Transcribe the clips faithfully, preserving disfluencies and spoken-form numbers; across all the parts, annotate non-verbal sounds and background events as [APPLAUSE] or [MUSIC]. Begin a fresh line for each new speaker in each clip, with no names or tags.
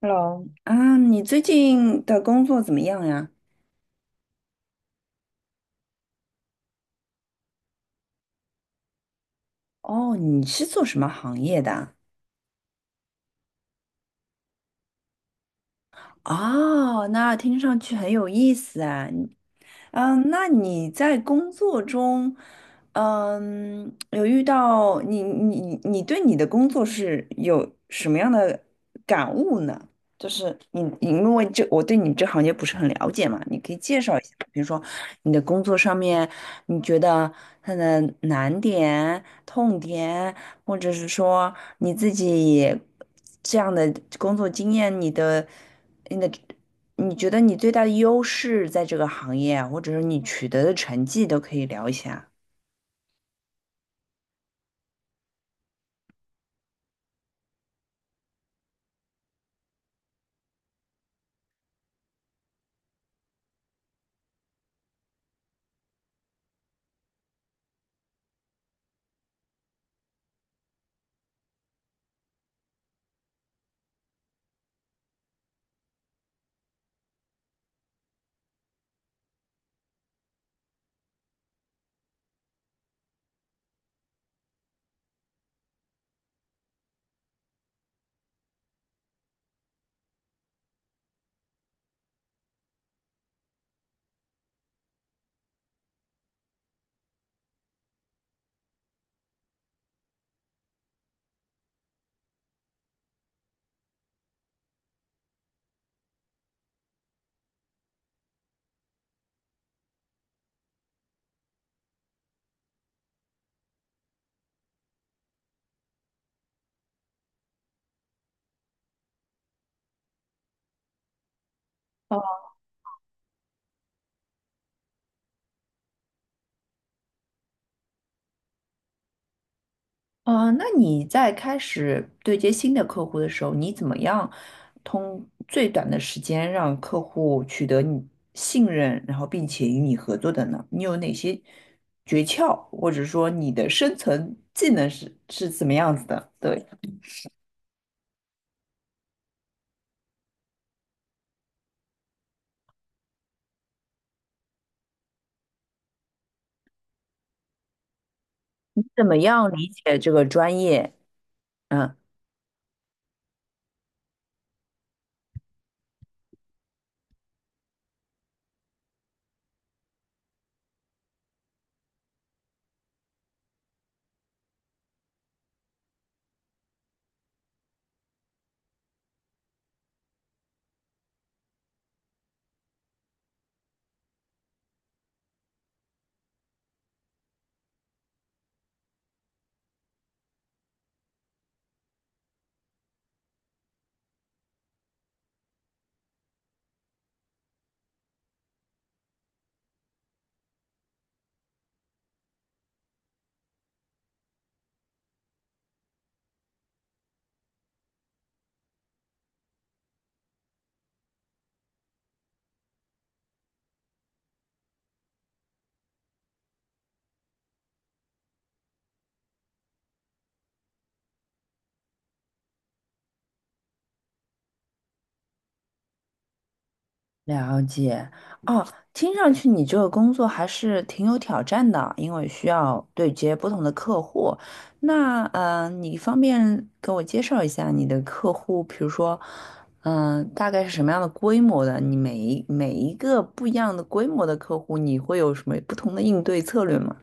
Hello，啊，你最近的工作怎么样呀？哦，你是做什么行业的啊。哦，那听上去很有意思啊。嗯，那你在工作中，嗯，有遇到你你你对你的工作是有什么样的感悟呢？就是你，你因为这我对你这行业不是很了解嘛，你可以介绍一下，比如说你的工作上面，你觉得它的难点、痛点，或者是说你自己这样的工作经验，你的你的。你觉得你最大的优势在这个行业啊或者是你取得的成绩都可以聊一下。呃，那你在开始对接新的客户的时候，你怎么样通最短的时间让客户取得你信任，然后并且与你合作的呢？你有哪些诀窍，或者说你的生存技能是是怎么样子的？对，怎么样理解这个专业？嗯，了解。哦，听上去你这个工作还是挺有挑战的，因为需要对接不同的客户。那呃，你方便给我介绍一下你的客户，比如说，嗯、大概是什么样的规模的？你每一每一个不一样的规模的客户，你会有什么不同的应对策略吗？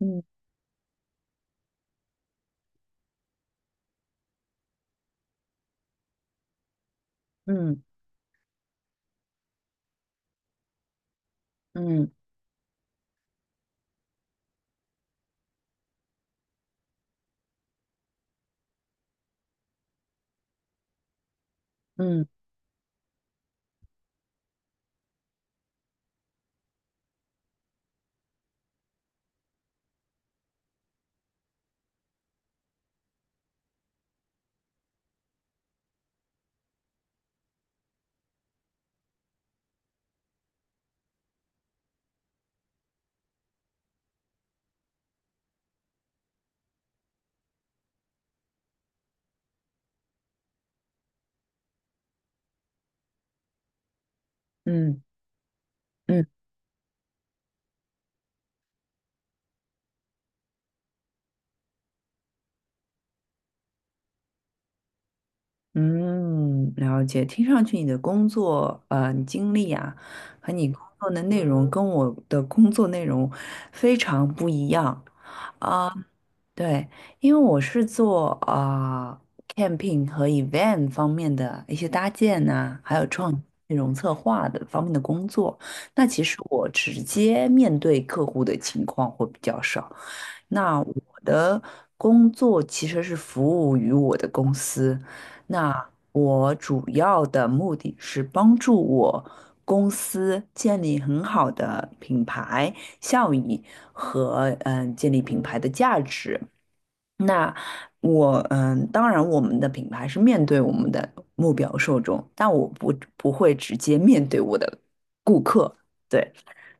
嗯嗯嗯嗯嗯嗯。嗯，了解。听上去你的工作呃你经历啊，和你工作的内容跟我的工作内容非常不一样啊。对，因为我是做啊、呃 camping 和 event 方面的一些搭建呐、还有创内容策划的方面的工作。那其实我直接面对客户的情况会比较少。那我的工作其实是服务于我的公司，那我主要的目的是帮助我公司建立很好的品牌效益和嗯、呃建立品牌的价值。那我嗯，当然我们的品牌是面对我们的目标受众，但我不不会直接面对我的顾客。对，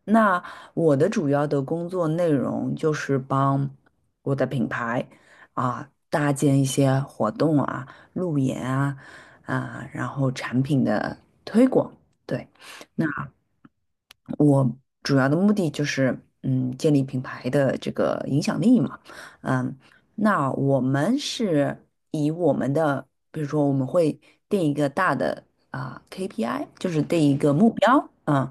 那我的主要的工作内容就是帮我的品牌啊搭建一些活动啊、路演啊啊，然后产品的推广。对。那。我主要的目的就是，嗯，建立品牌的这个影响力嘛，嗯，那我们是以我们的，比如说我们会定一个大的啊、K P I，就是定一个目标，嗯，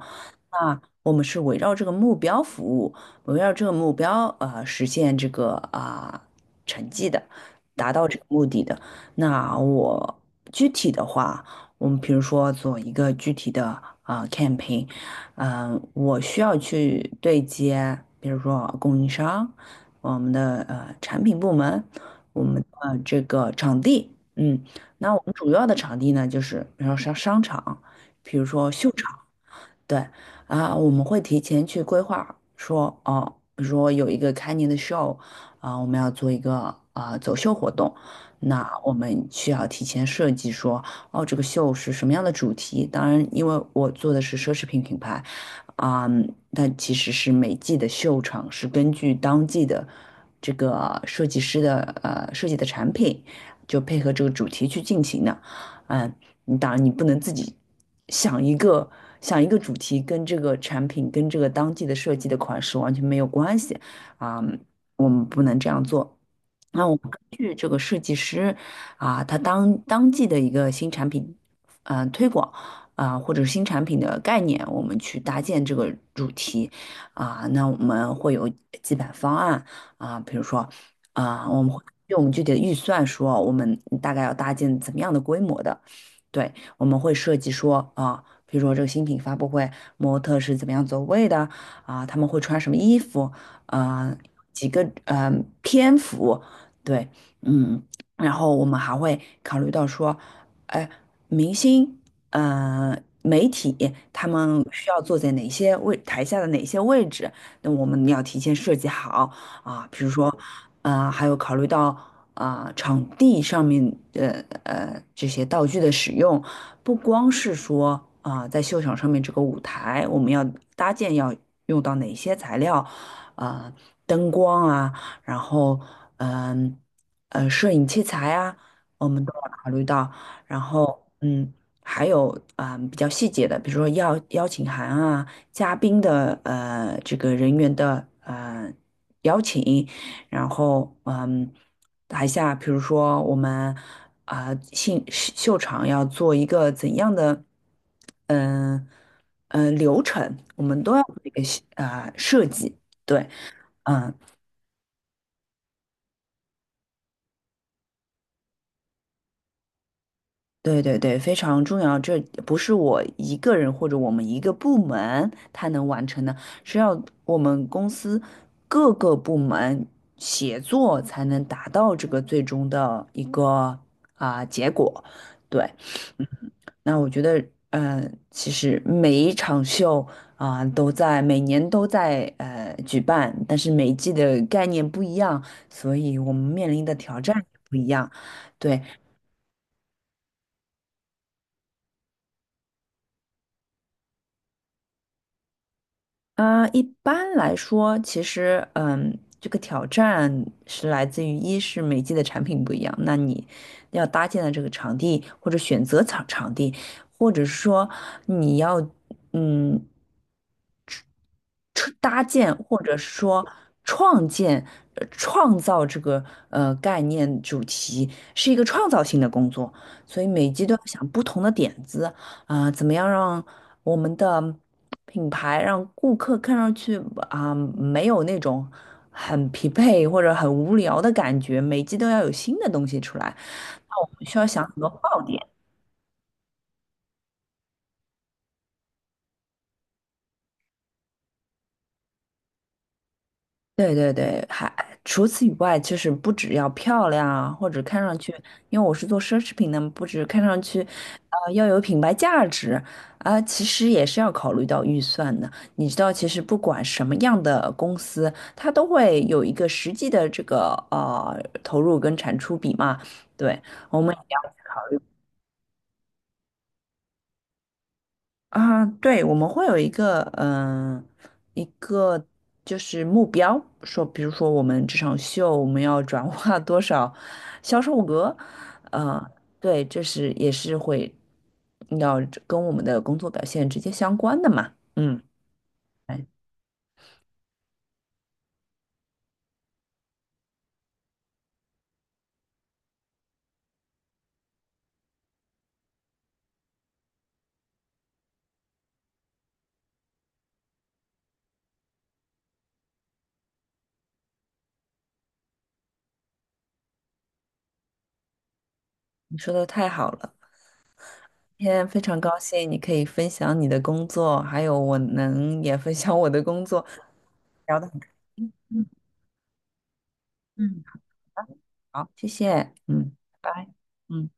那我们是围绕这个目标服务，围绕这个目标呃实现这个啊、成绩的，达到这个目的的。那我具体的话，我们比如说做一个具体的啊、campaign。嗯、我需要去对接，比如说供应商，我们的呃产品部门，我们呃这个场地，嗯，那我们主要的场地呢，就是比如说商商场，比如说秀场。对啊，我们会提前去规划，说哦，比如说有一个开年的 show，啊，我们要做一个啊走秀活动，那我们需要提前设计说，哦，这个秀是什么样的主题？当然，因为我做的是奢侈品品牌，啊，但其实是每季的秀场是根据当季的这个设计师的呃设计的产品，就配合这个主题去进行的。嗯，你当然你不能自己想一个想一个主题，跟这个产品跟这个当季的设计的款式完全没有关系啊，我们不能这样做。那我们根据这个设计师啊，他当当季的一个新产品，嗯，推广啊，或者新产品的概念，我们去搭建这个主题啊，那我们会有几版方案啊，比如说啊，我们会。据我们具体的预算说，我们大概要搭建怎么样的规模的。对，我们会设计说啊，比如说这个新品发布会，模特是怎么样走位的啊，他们会穿什么衣服啊，几个呃篇幅，对，嗯，然后我们还会考虑到说，哎，明星，呃，媒体他们需要坐在哪些位，台下的哪些位置，那我们要提前设计好啊，比如说，呃，还有考虑到。啊、呃场地上面的呃这些道具的使用，不光是说啊、呃在秀场上面这个舞台，我们要搭建要用到哪些材料啊、呃灯光啊，然后嗯呃呃摄影器材啊，我们都要考虑到，然后嗯。还有啊、比较细节的，比如说邀邀请函啊，嘉宾的呃这个人员的呃邀请，然后嗯，台下比如说我们啊、秀秀场要做一个怎样的嗯嗯、呃流程，我们都要做一个啊、设计，对，嗯。对对对，非常重要。这不是我一个人或者我们一个部门他能完成的，是要我们公司各个部门协作才能达到这个最终的一个啊、结果。对，那我觉得，嗯，其实每一场秀啊、都在每年都在呃举办，但是每一季的概念不一样，所以我们面临的挑战也不一样。对。啊、一般来说，其实，嗯，这个挑战是来自于一是每季的产品不一样，那你要搭建的这个场地或者选择场场地，或者是说你要。嗯，出搭建或者是说创建、呃创造这个呃概念主题是一个创造性的工作，所以每季都要想不同的点子啊、怎么样让我们的品牌让顾客看上去啊、没有那种很疲惫或者很无聊的感觉，每季都要有新的东西出来，那我们需要想很多爆点。对对对，还除此以外，就是不只要漂亮啊，或者看上去，因为我是做奢侈品的嘛，不止看上去，啊，要有品牌价值啊，其实也是要考虑到预算的。你知道，其实不管什么样的公司，它都会有一个实际的这个呃投入跟产出比嘛。对，我们。啊，对，我们会有一个，嗯、一个就是目标，说，比如说我们这场秀我们要转 [LAUGHS] 化多少销售额，呃，对，这是也是会要跟我们的工作表现直接相关的嘛，嗯，哎，你说的太好了，今天非常高兴你可以分享你的工作，还有我能也分享我的工作，聊得很开心，嗯，好，谢谢，嗯，拜拜。嗯。